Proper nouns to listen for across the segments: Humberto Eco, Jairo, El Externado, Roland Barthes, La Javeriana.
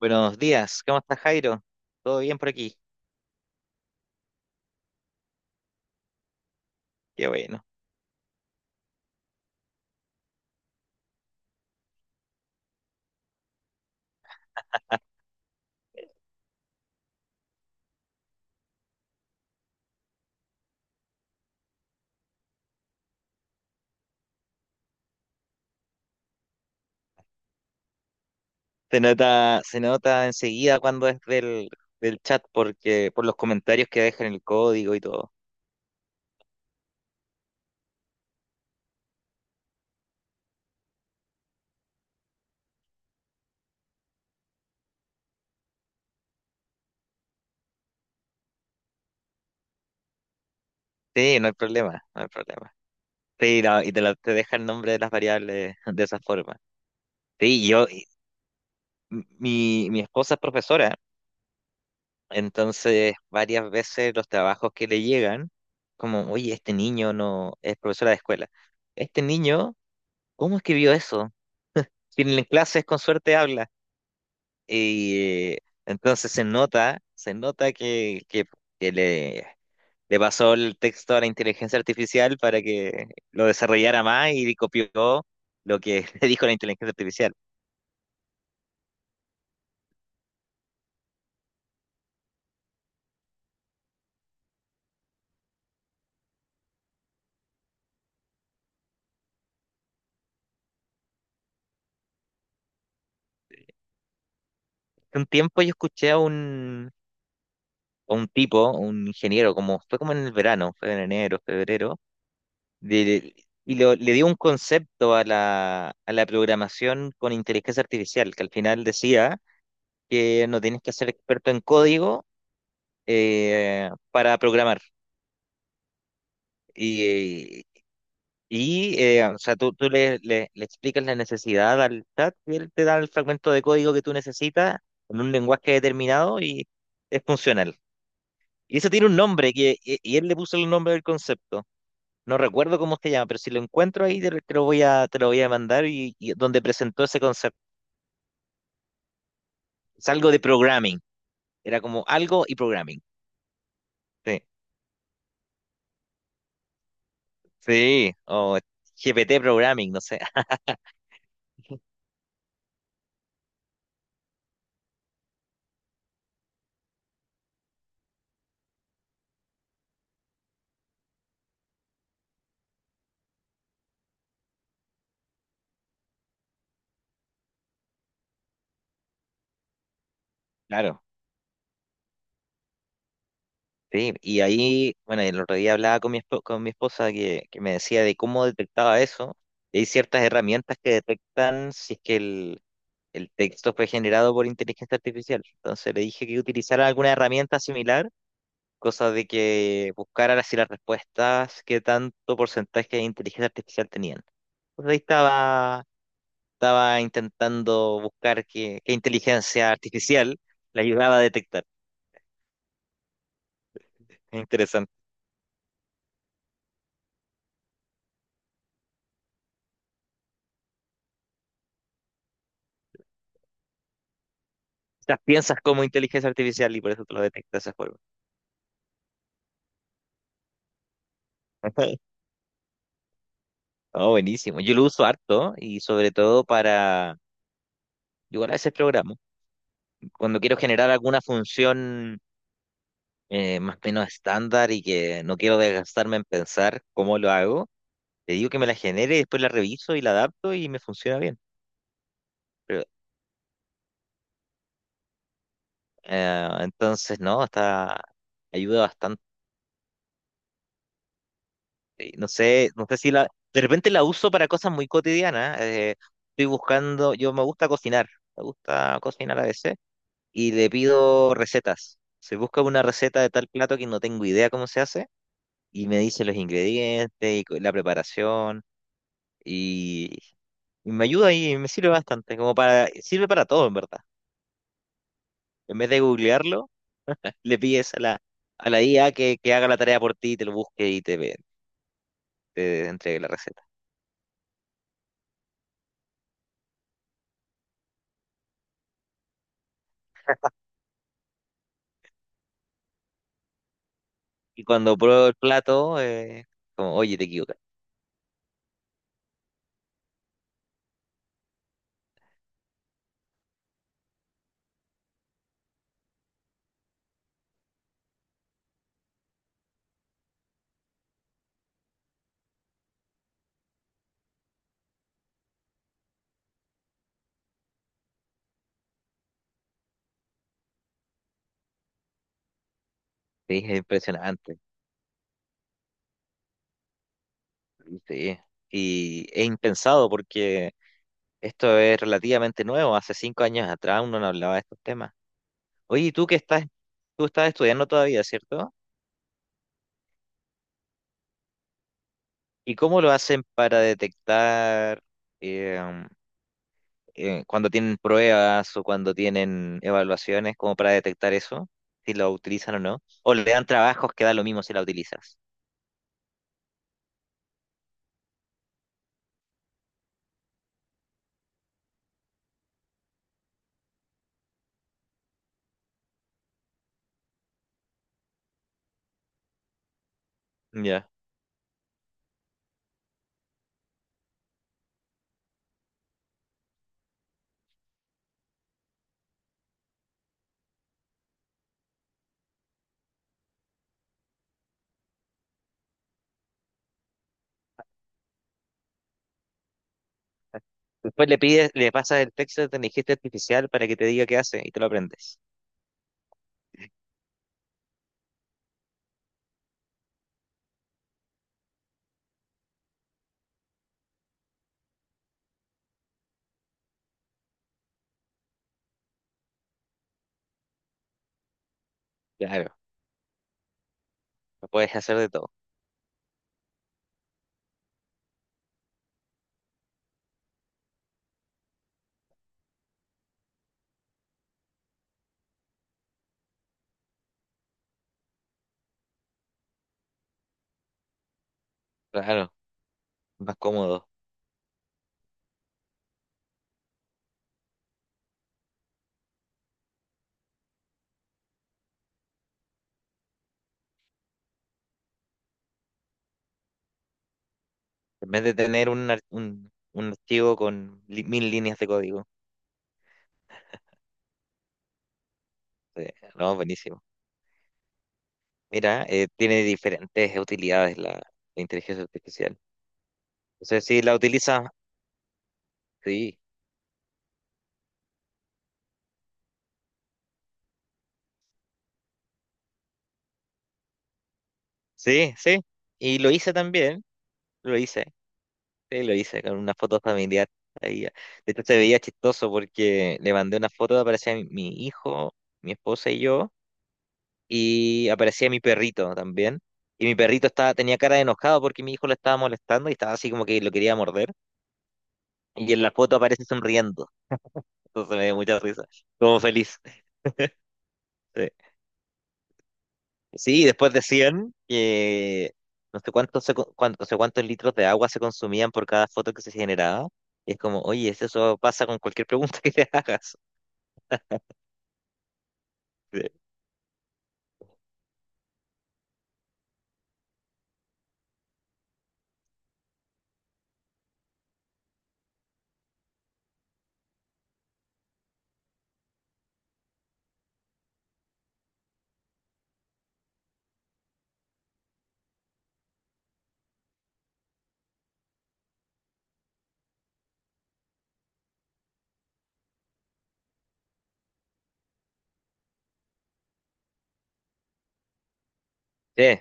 Buenos días, ¿cómo estás, Jairo? ¿Todo bien por aquí? Qué bueno. Se nota enseguida cuando es del chat porque por los comentarios que dejan el código y todo. Sí, no hay problema, no hay problema. Sí, te deja el nombre de las variables de esa forma. Sí, mi esposa es profesora, entonces varias veces los trabajos que le llegan, como, oye, este niño no es profesora de escuela. Este niño, ¿cómo escribió eso? Si en clases con suerte habla. Y eh, entonces se nota que le pasó el texto a la inteligencia artificial para que lo desarrollara más y copió lo que le dijo la inteligencia artificial. Hace un tiempo yo escuché a un tipo, un ingeniero, como fue como en el verano, fue en enero, febrero, de- le dio un concepto a la programación con inteligencia artificial, que al final decía que no tienes que ser experto en código para programar. Y, o sea, tú le explicas la necesidad al chat y él te da el fragmento de código que tú necesitas en un lenguaje determinado y es funcional. Y eso tiene un nombre que él le puso el nombre del concepto. No recuerdo cómo se llama, pero si lo encuentro ahí te lo voy a mandar y donde presentó ese concepto. Es algo de programming. Era como algo y programming. Sí, sí, o GPT programming, no sé. Claro. Sí, y ahí, bueno, el otro día hablaba con con mi esposa que me decía de cómo detectaba eso. Y hay ciertas herramientas que detectan si es que el texto fue generado por inteligencia artificial. Entonces le dije que utilizara alguna herramienta similar, cosa de que buscara si las respuestas, qué tanto porcentaje de inteligencia artificial tenían. Pues ahí estaba, estaba intentando buscar qué inteligencia artificial la ayudaba a detectar. Es interesante. Las piensas como inteligencia artificial y por eso te lo detecta de esa forma. Oh, buenísimo. Yo lo uso harto y sobre todo para, yo igual a veces programa, cuando quiero generar alguna función más o menos estándar y que no quiero desgastarme en pensar cómo lo hago, le digo que me la genere y después la reviso y la adapto y me funciona bien. Pero, entonces, no, está, ayuda bastante. No sé, no sé si de repente la uso para cosas muy cotidianas. Estoy buscando, yo me gusta cocinar a veces y le pido recetas. Se busca una receta de tal plato que no tengo idea cómo se hace y me dice los ingredientes y la preparación y, y me ayuda y me sirve bastante, como para, sirve para todo en verdad. En vez de googlearlo, le pides a la IA que haga la tarea por ti, te lo busque y te entregue la receta. Y cuando pruebo el plato, como, oye, te equivocas. Sí, es impresionante. Sí. Y es impensado porque esto es relativamente nuevo. Hace 5 años atrás uno no hablaba de estos temas. Oye, tú estás estudiando todavía, ¿cierto? ¿Y cómo lo hacen para detectar eh, cuando tienen pruebas o cuando tienen evaluaciones, como para detectar eso? Si lo utilizan o no. O le dan trabajos que da lo mismo si la utilizas. Ya. Después le pides, le pasas el texto de inteligencia artificial para que te diga qué hace y te lo aprendes. Claro, lo puedes hacer de todo. Claro, más cómodo. En vez de tener un archivo con mil líneas de código. Sí, no, buenísimo. Mira, tiene diferentes utilidades la inteligencia artificial. O sea, si la utilizas, sí, sí, sí. Y lo hice también, lo hice. Sí, lo hice con una foto familiar. Ahí. De hecho, se veía chistoso porque le mandé una foto, aparecía mi hijo, mi esposa y yo, y aparecía mi perrito también. Y mi perrito estaba, tenía cara de enojado porque mi hijo lo estaba molestando y estaba así como que lo quería morder. Y en la foto aparece sonriendo. Entonces me dio mucha risa, como feliz. Sí, sí, y después decían que no sé cuántos, no sé cuántos litros de agua se consumían por cada foto que se generaba. Y es como, oye, eso pasa con cualquier pregunta que te hagas. Sí. Sí,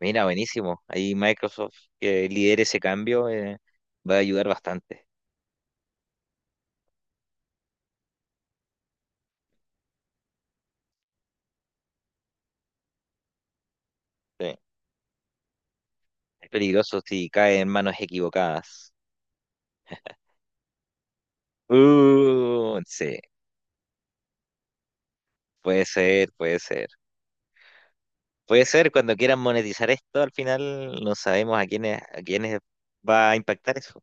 mira, buenísimo. Ahí Microsoft que lidere ese cambio, va a ayudar bastante. Sí. Es peligroso si cae en manos equivocadas. Sí, puede ser, puede ser. Puede ser cuando quieran monetizar esto, al final no sabemos a quiénes va a impactar eso.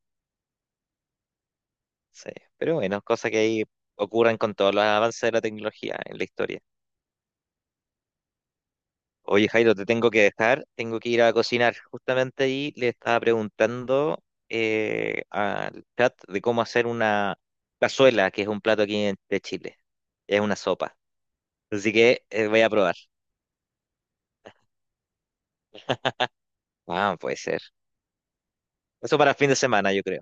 Sí, pero bueno, cosas que ahí ocurren con todos los avances de la tecnología en la historia. Oye, Jairo, te tengo que dejar, tengo que ir a cocinar. Justamente ahí le estaba preguntando al chat de cómo hacer una cazuela, que es un plato aquí de Chile. Es una sopa. Así que voy a probar. Ah, puede ser. Eso para el fin de semana, yo creo.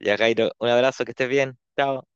Ya, Jairo, un abrazo, que estés bien. Chao.